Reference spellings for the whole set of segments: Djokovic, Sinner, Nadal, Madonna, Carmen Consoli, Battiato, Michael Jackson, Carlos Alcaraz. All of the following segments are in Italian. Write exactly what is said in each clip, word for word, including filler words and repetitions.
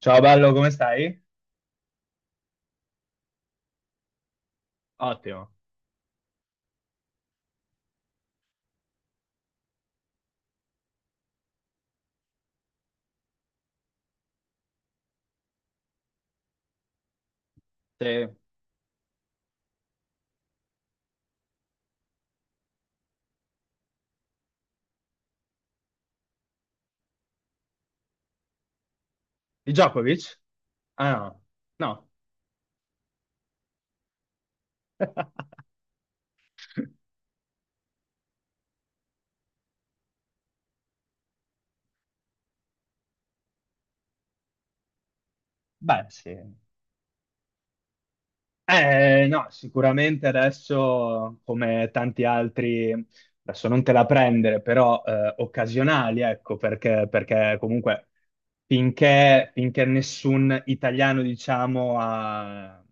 Ciao bello, come stai? Ottimo. Sei di Djokovic? Ah no, no. Beh, sì. Eh, no, sicuramente adesso, come tanti altri, adesso non te la prendere, però eh, occasionali, ecco, perché, perché comunque finché, finché nessun italiano, diciamo, ha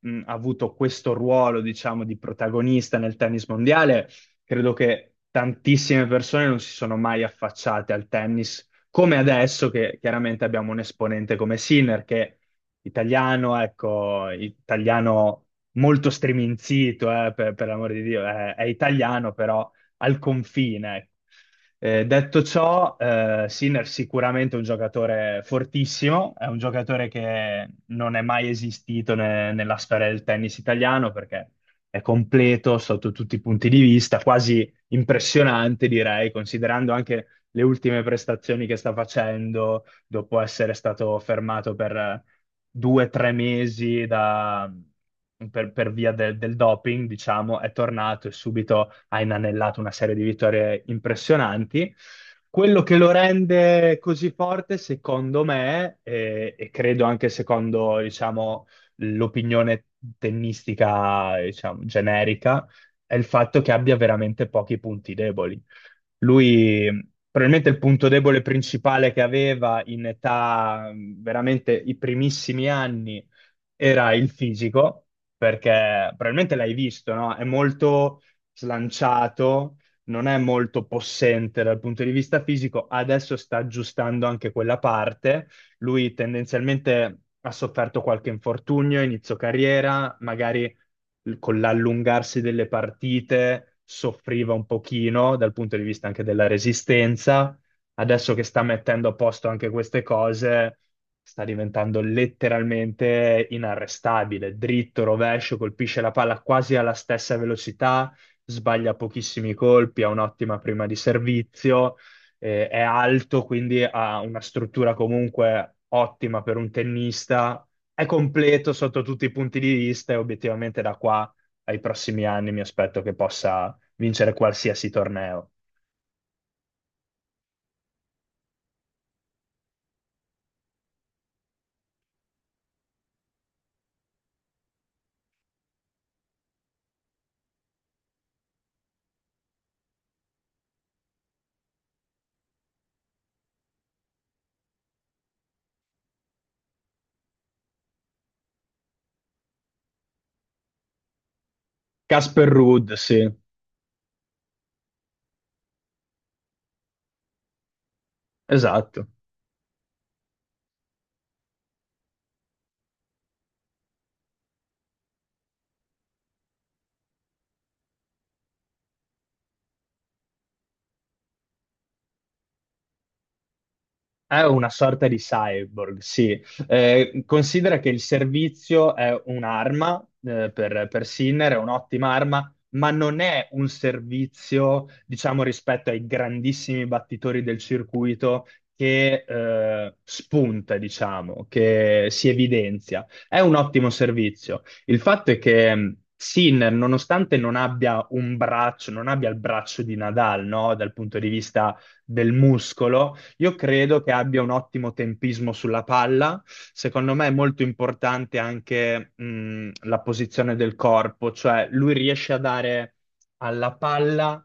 mh, ha avuto questo ruolo, diciamo, di protagonista nel tennis mondiale, credo che tantissime persone non si sono mai affacciate al tennis, come adesso che chiaramente abbiamo un esponente come Sinner, che italiano, ecco, italiano molto striminzito, eh, per, per l'amor di Dio, è, è italiano, però al confine. Eh, detto ciò, eh, Sinner sicuramente è un giocatore fortissimo, è un giocatore che non è mai esistito ne- nella storia del tennis italiano perché è completo sotto tutti i punti di vista, quasi impressionante direi, considerando anche le ultime prestazioni che sta facendo, dopo essere stato fermato per eh, due o tre mesi da- per, per via del del doping, diciamo, è tornato e subito ha inanellato una serie di vittorie impressionanti. Quello che lo rende così forte, secondo me, e, e credo anche secondo, diciamo, l'opinione tennistica, diciamo, generica, è il fatto che abbia veramente pochi punti deboli. Lui, probabilmente il punto debole principale che aveva in età, mh, veramente i primissimi anni, era il fisico, perché probabilmente l'hai visto, no? È molto slanciato, non è molto possente dal punto di vista fisico, adesso sta aggiustando anche quella parte. Lui tendenzialmente ha sofferto qualche infortunio, inizio carriera, magari con l'allungarsi delle partite soffriva un pochino dal punto di vista anche della resistenza. Adesso che sta mettendo a posto anche queste cose, sta diventando letteralmente inarrestabile, dritto, rovescio, colpisce la palla quasi alla stessa velocità, sbaglia pochissimi colpi, ha un'ottima prima di servizio, eh, è alto, quindi ha una struttura comunque ottima per un tennista, è completo sotto tutti i punti di vista e obiettivamente da qua ai prossimi anni mi aspetto che possa vincere qualsiasi torneo. Casper Ruud, sì, esatto. È una sorta di cyborg, sì. Eh, considera che il servizio è un'arma, eh, per, per Sinner, è un'ottima arma, ma non è un servizio, diciamo, rispetto ai grandissimi battitori del circuito che eh, spunta, diciamo, che si evidenzia. È un ottimo servizio. Il fatto è che mh, Sinner, nonostante non abbia un braccio, non abbia il braccio di Nadal, no? Dal punto di vista del muscolo io credo che abbia un ottimo tempismo sulla palla. Secondo me è molto importante anche mh, la posizione del corpo, cioè lui riesce a dare alla palla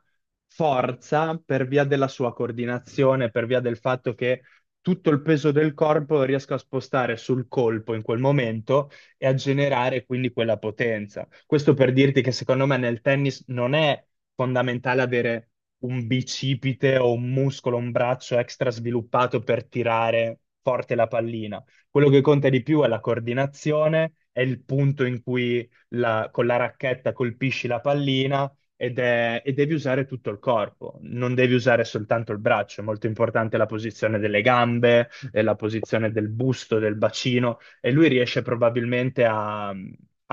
forza per via della sua coordinazione, per via del fatto che tutto il peso del corpo riesca a spostare sul colpo in quel momento e a generare quindi quella potenza. Questo per dirti che secondo me nel tennis non è fondamentale avere un bicipite o un muscolo, un braccio extra sviluppato per tirare forte la pallina. Quello che conta di più è la coordinazione, è il punto in cui la- con la racchetta colpisci la pallina ed è- e devi usare tutto il corpo, non devi usare soltanto il braccio, è molto importante la posizione delle gambe, eh, la posizione del busto, del bacino, e lui riesce probabilmente a,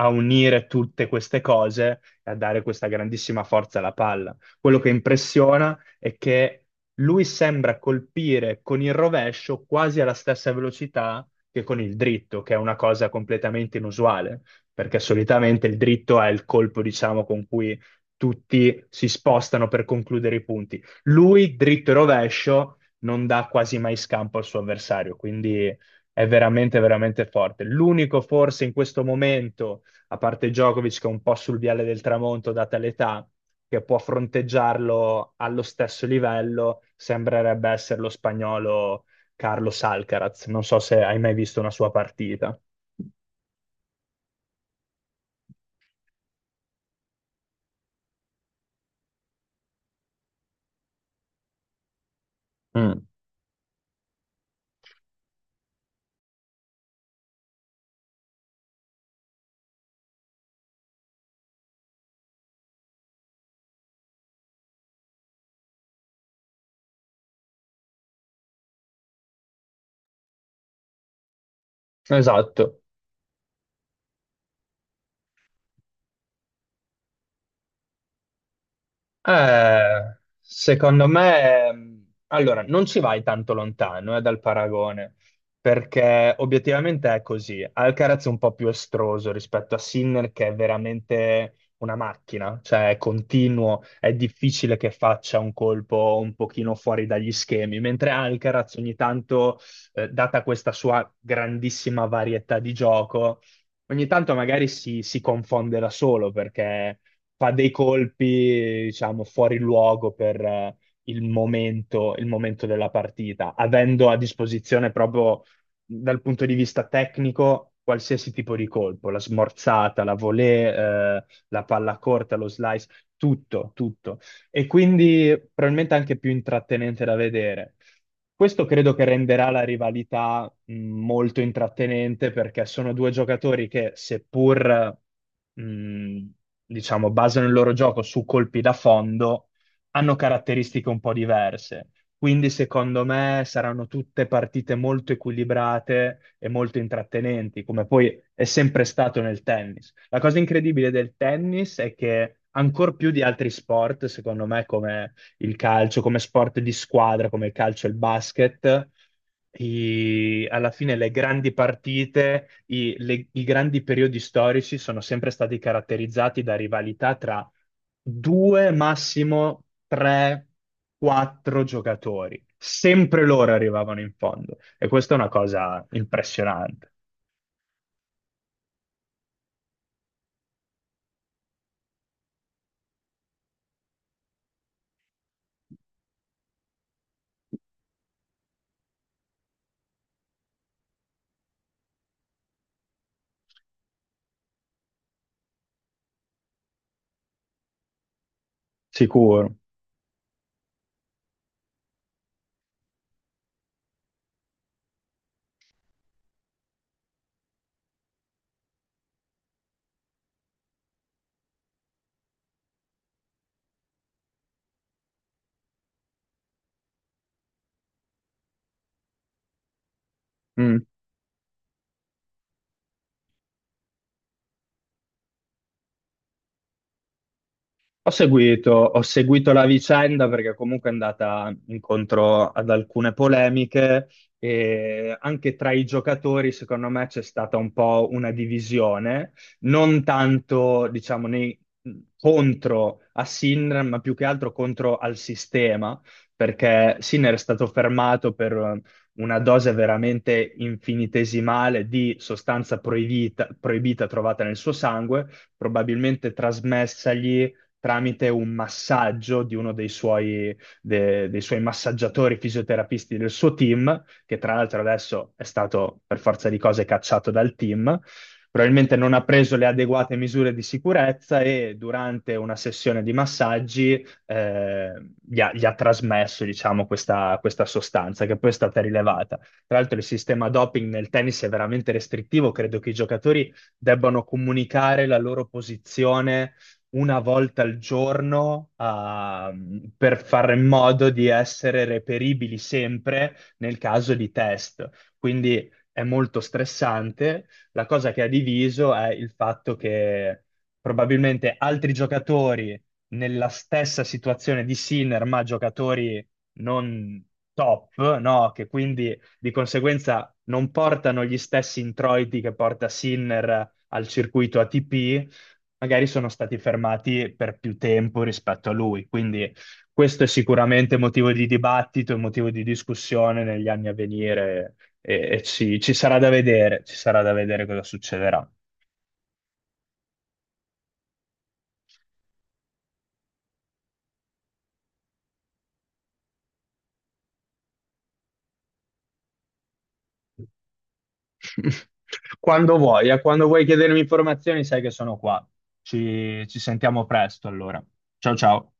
a unire tutte queste cose e a dare questa grandissima forza alla palla. Quello che impressiona è che lui sembra colpire con il rovescio quasi alla stessa velocità che con il dritto, che è una cosa completamente inusuale, perché solitamente il dritto è il colpo, diciamo, con cui tutti si spostano per concludere i punti. Lui, dritto e rovescio, non dà quasi mai scampo al suo avversario, quindi è veramente, veramente forte. L'unico forse in questo momento, a parte Djokovic che è un po' sul viale del tramonto data l'età, che può fronteggiarlo allo stesso livello, sembrerebbe essere lo spagnolo Carlos Alcaraz. Non so se hai mai visto una sua partita. Mm. Esatto. Eh, secondo me, mh, allora, non ci vai tanto lontano, eh, dal paragone, perché obiettivamente è così. Alcaraz è un po' più estroso rispetto a Sinner, che è veramente una macchina, cioè è continuo, è difficile che faccia un colpo un pochino fuori dagli schemi, mentre Alcaraz ogni tanto, eh, data questa sua grandissima varietà di gioco, ogni tanto magari si, si confonde da solo perché fa dei colpi, diciamo, fuori luogo per eh, il momento, il momento della partita, avendo a disposizione proprio dal punto di vista tecnico qualsiasi tipo di colpo, la smorzata, la volée, eh, la palla corta, lo slice, tutto, tutto. E quindi probabilmente anche più intrattenente da vedere. Questo credo che renderà la rivalità mh, molto intrattenente perché sono due giocatori che, seppur mh, diciamo, basano il loro gioco su colpi da fondo, hanno caratteristiche un po' diverse. Quindi, secondo me, saranno tutte partite molto equilibrate e molto intrattenenti, come poi è sempre stato nel tennis. La cosa incredibile del tennis è che, ancor più di altri sport, secondo me, come il calcio come sport di squadra, come il calcio e il basket. I- alla fine le grandi partite, i, le- i grandi periodi storici sono sempre stati caratterizzati da rivalità tra due, massimo tre, quattro giocatori. Sempre loro arrivavano in fondo e questa è una cosa impressionante, sicuro. Mm. Ho seguito, ho seguito la vicenda perché comunque è andata incontro ad alcune polemiche e anche tra i giocatori, secondo me, c'è stata un po' una divisione, non tanto, diciamo, nei- contro a Sinner, ma più che altro contro al sistema, perché Sinner è stato fermato per eh, una dose veramente infinitesimale di sostanza proibita proibita trovata nel suo sangue, probabilmente trasmessagli tramite un massaggio di uno dei suoi, de- dei suoi massaggiatori fisioterapisti del suo team, che tra l'altro adesso è stato per forza di cose cacciato dal team. Probabilmente non ha preso le adeguate misure di sicurezza e durante una sessione di massaggi eh, gli ha, gli ha trasmesso, diciamo, questa, questa sostanza che poi è stata rilevata. Tra l'altro il sistema doping nel tennis è veramente restrittivo, credo che i giocatori debbano comunicare la loro posizione una volta al giorno a- per fare in modo di essere reperibili sempre nel caso di test. Quindi è molto stressante. La cosa che ha diviso è il fatto che probabilmente altri giocatori nella stessa situazione di Sinner, ma giocatori non top, no? Che quindi di conseguenza non portano gli stessi introiti che porta Sinner al circuito A T P magari sono stati fermati per più tempo rispetto a lui. Quindi questo è sicuramente motivo di dibattito e motivo di discussione negli anni a venire e, e ci, ci sarà da vedere, ci sarà da vedere cosa succederà. Quando vuoi, eh, quando vuoi chiedermi informazioni, sai che sono qua. Ci, ci sentiamo presto allora. Ciao ciao.